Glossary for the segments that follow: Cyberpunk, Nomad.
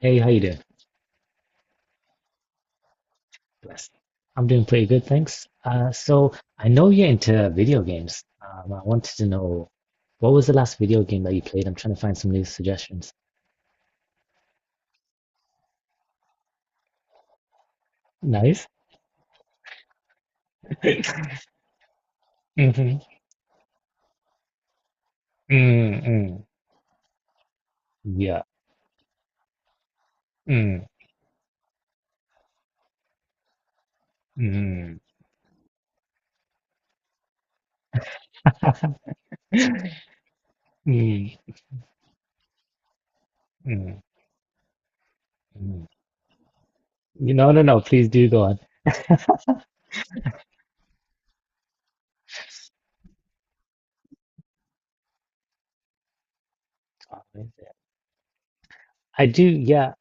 Hey, how you doing? Bless. I'm doing pretty good, thanks. So I know you're into video games. I wanted to know what was the last video game that you played? I'm trying to find some new suggestions. Nice. Mm-hmm. Mm, mm. Yeah. Mm, mm, mm, mm, mm. No, no, no. Please do go on. I do. Yeah.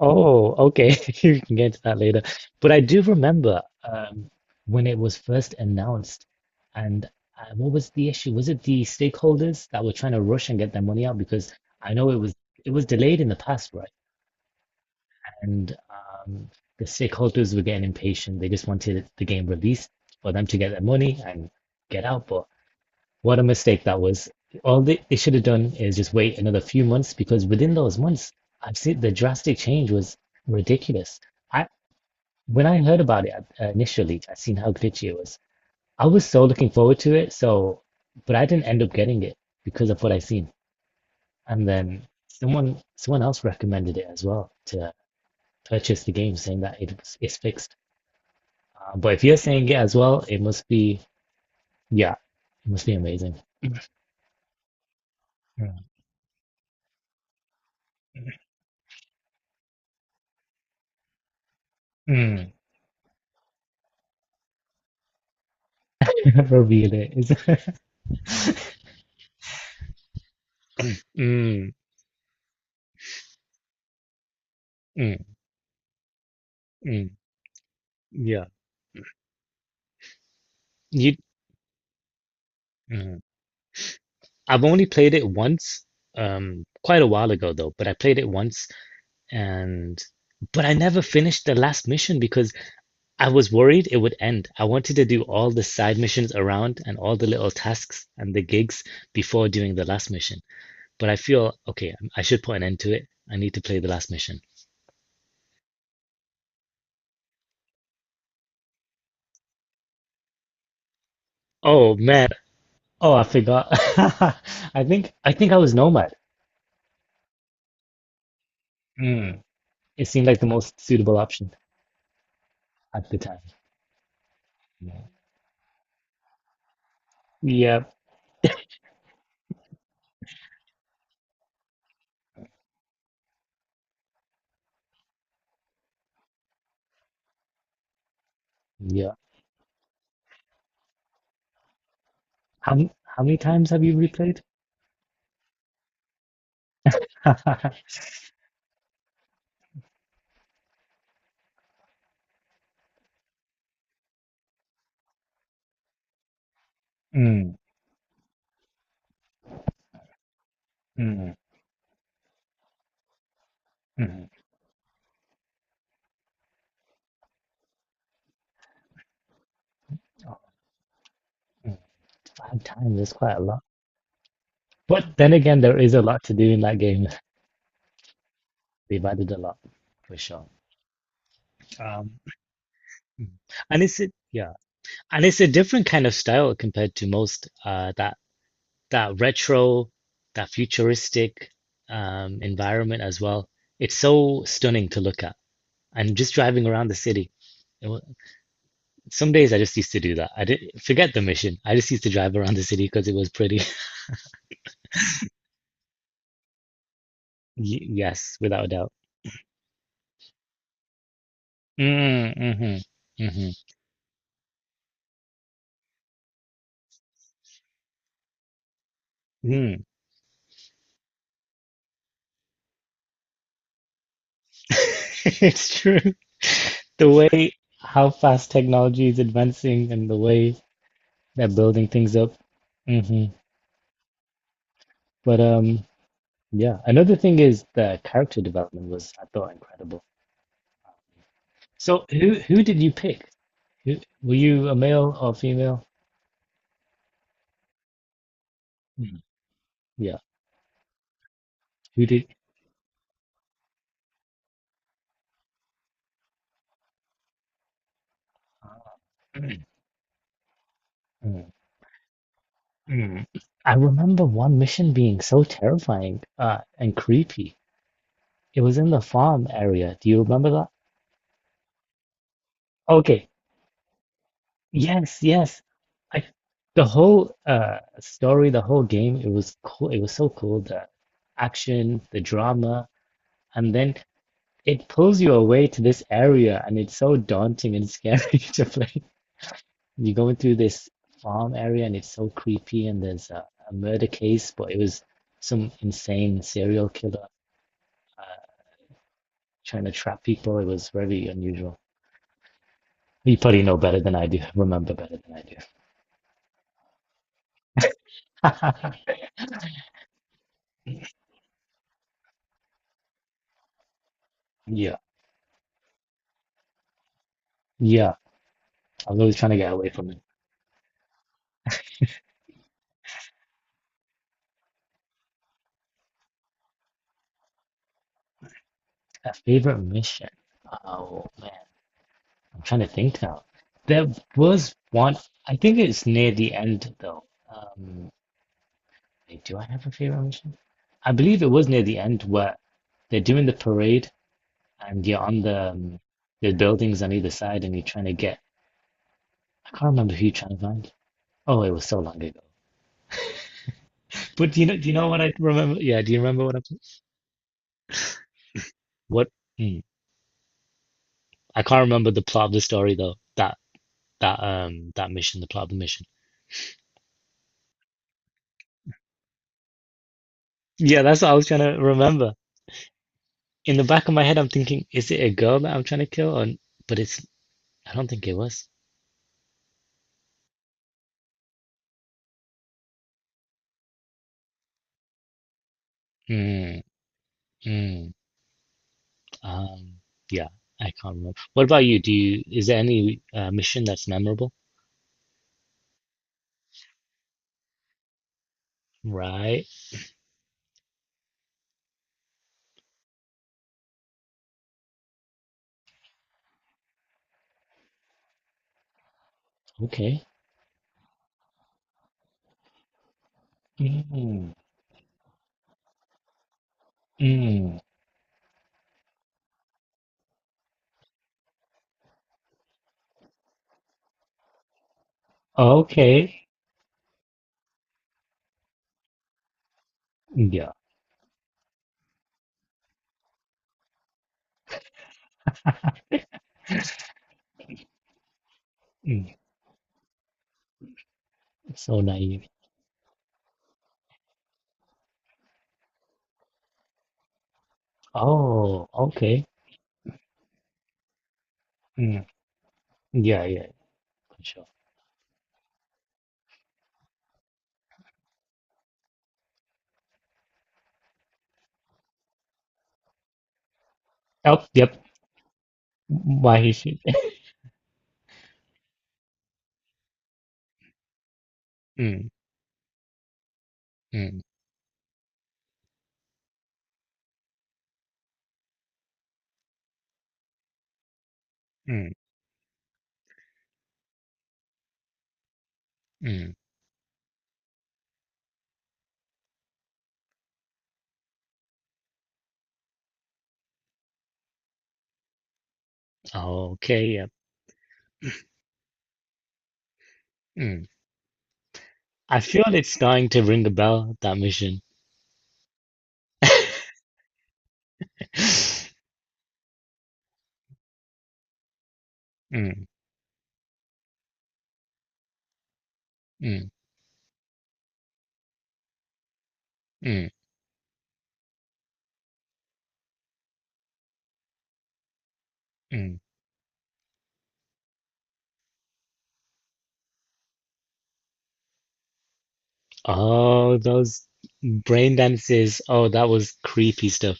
Oh, okay. You can get to that later. But I do remember when it was first announced, and what was the issue? Was it the stakeholders that were trying to rush and get their money out? Because I know it was delayed in the past, right? And the stakeholders were getting impatient. They just wanted the game released for them to get their money and get out. But what a mistake that was. All they should have done is just wait another few months because within those months, I've seen the drastic change was ridiculous. I when I heard about it initially, I seen how glitchy it was. I was so looking forward to it, so but I didn't end up getting it because of what I seen. And then someone else recommended it as well to purchase the game, saying that it was it's fixed. But if you're saying it as well, it must be yeah, it must be amazing. Mm. Reveal it. Mm. Mm, mm, yeah. You, mm. I've only played it once, quite a while ago though, but I played it once and but I never finished the last mission because I was worried it would end. I wanted to do all the side missions around and all the little tasks and the gigs before doing the last mission. But I feel okay, I should put an end to it. I need to play the last mission. Oh man. Oh, I forgot. I think I was Nomad. Mm. It seemed like the most suitable option at the time. Yeah. Yeah. Yeah. How many times have you replayed? Five. Mm, mm, mm, mm. Five times is quite a lot. But then again, there is a lot to do in that game. They've added a lot, for sure. Um, and it's a, yeah, and it's a different kind of style compared to most. That retro, that futuristic, environment as well. It's so stunning to look at, and just driving around the city. Some days I just used to do that. I didn't forget the mission. I just used to drive around the city because it was pretty. Yes, without a doubt. Mm, mm-hmm, mm-hmm, mm. It's true. The way how fast technology is advancing and the way they're building things up. Hmm. But yeah. Another thing is the character development was, I thought, incredible. So who did you pick? Who, were you a male or female? Mm. Yeah. Who did? Mm. I remember one mission being so terrifying and creepy. It was in the farm area. Do you remember that? Okay. Yes, yes. I the whole story, the whole game, it was cool. It was so cool. The action, the drama, and then it pulls you away to this area, and it's so daunting and scary to play. You're going through this farm area, and it's so creepy, and there's a murder case, but it was some insane serial killer trying to trap people. It was very unusual. You probably know better than I do, remember better than I do. Yeah, yeah. I'm really trying to get away from it. A favorite mission. Oh man, I'm trying to think now. There was one, I think it's near the end though. Um, Wait, do I have a favorite mission? I believe it was near the end where they're doing the parade and you're on the buildings on either side and you're trying to get, I can't remember who you're trying to find. Oh, it was so long ago. But do you know? Do you know what I remember? Yeah, do you remember what I what? Hmm. I can't remember the plot of the story though. That mission, the plot of the mission. Yeah, that's what I was trying to remember. In the back of my head, I'm thinking, is it a girl that I'm trying to kill? Or, but it's I don't think it was. Hmm. Hmm. Um. Yeah, I can't remember. What about you? Do you is there any mission that's memorable? Right. Okay. Mm. Mm. Okay. Yeah. Mm. So naive. Oh. Okay. Mm. Yeah, yeah, for sure. Oh, yep. Why he it? Mm, mm, mm, mm. Okay, yep. Mm. I feel it's going to ring a bell, that mission. Mm, mm, mm, mm. Oh, those brain dances. Oh, that was creepy stuff.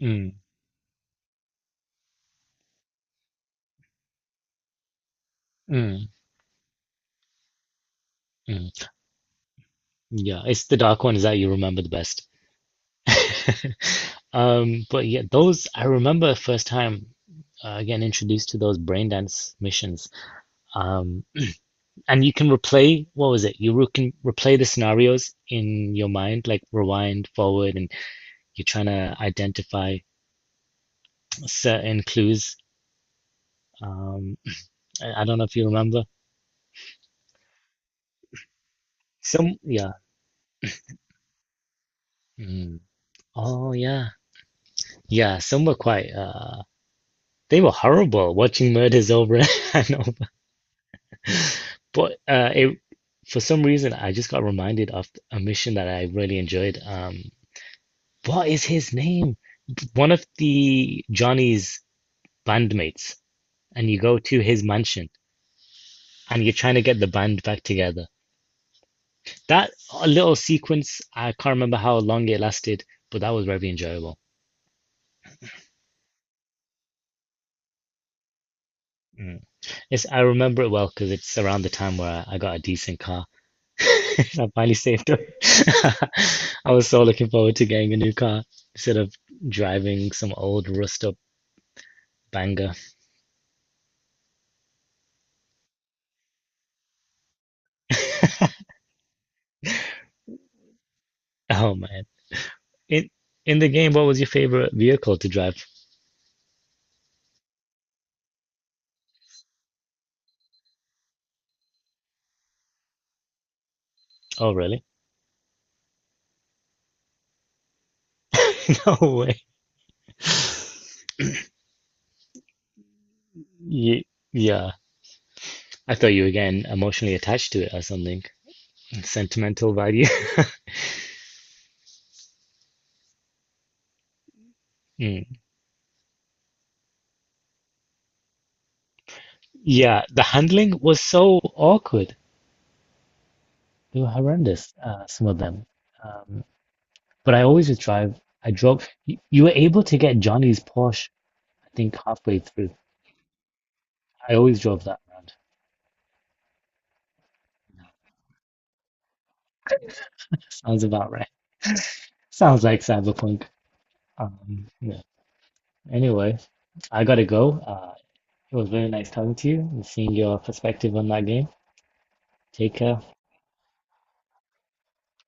Mm, mm, mm. Yeah, it's the dark ones that you remember the best. But yeah, those I remember first time getting introduced to those brain dance missions. Um. And you can replay what was it? Can replay the scenarios in your mind, like rewind, forward, and you're trying to identify certain clues. Um, I don't know if you remember. Some, yeah. Mm. Oh, yeah. Yeah, some were quite, they were horrible watching murders over and over. But for some reason, I just got reminded of a mission that I really enjoyed. What is his name? One of the Johnny's bandmates and you go to his mansion and you're trying to get the band back together. That little sequence, I can't remember how long it lasted, but that was very enjoyable. It's, I remember it well because it's around the time where I got a decent car. I finally saved up. I was so looking forward to getting a new car instead of driving some old rust up banger. Oh man. In in the game, what was your favorite vehicle to drive? Oh really? No way. Ye- yeah. I thought you were getting emotionally attached to it or something. Sentimental value. Mm. Yeah, the handling was so awkward. They were horrendous, some of them. Um, but I always would drive. I drove. You were able to get Johnny's Porsche, I think, halfway through. I always drove that around. Sounds about right. Sounds like Cyberpunk. Yeah. Anyway, I gotta go. It was very nice talking to you and seeing your perspective on that game. Take care.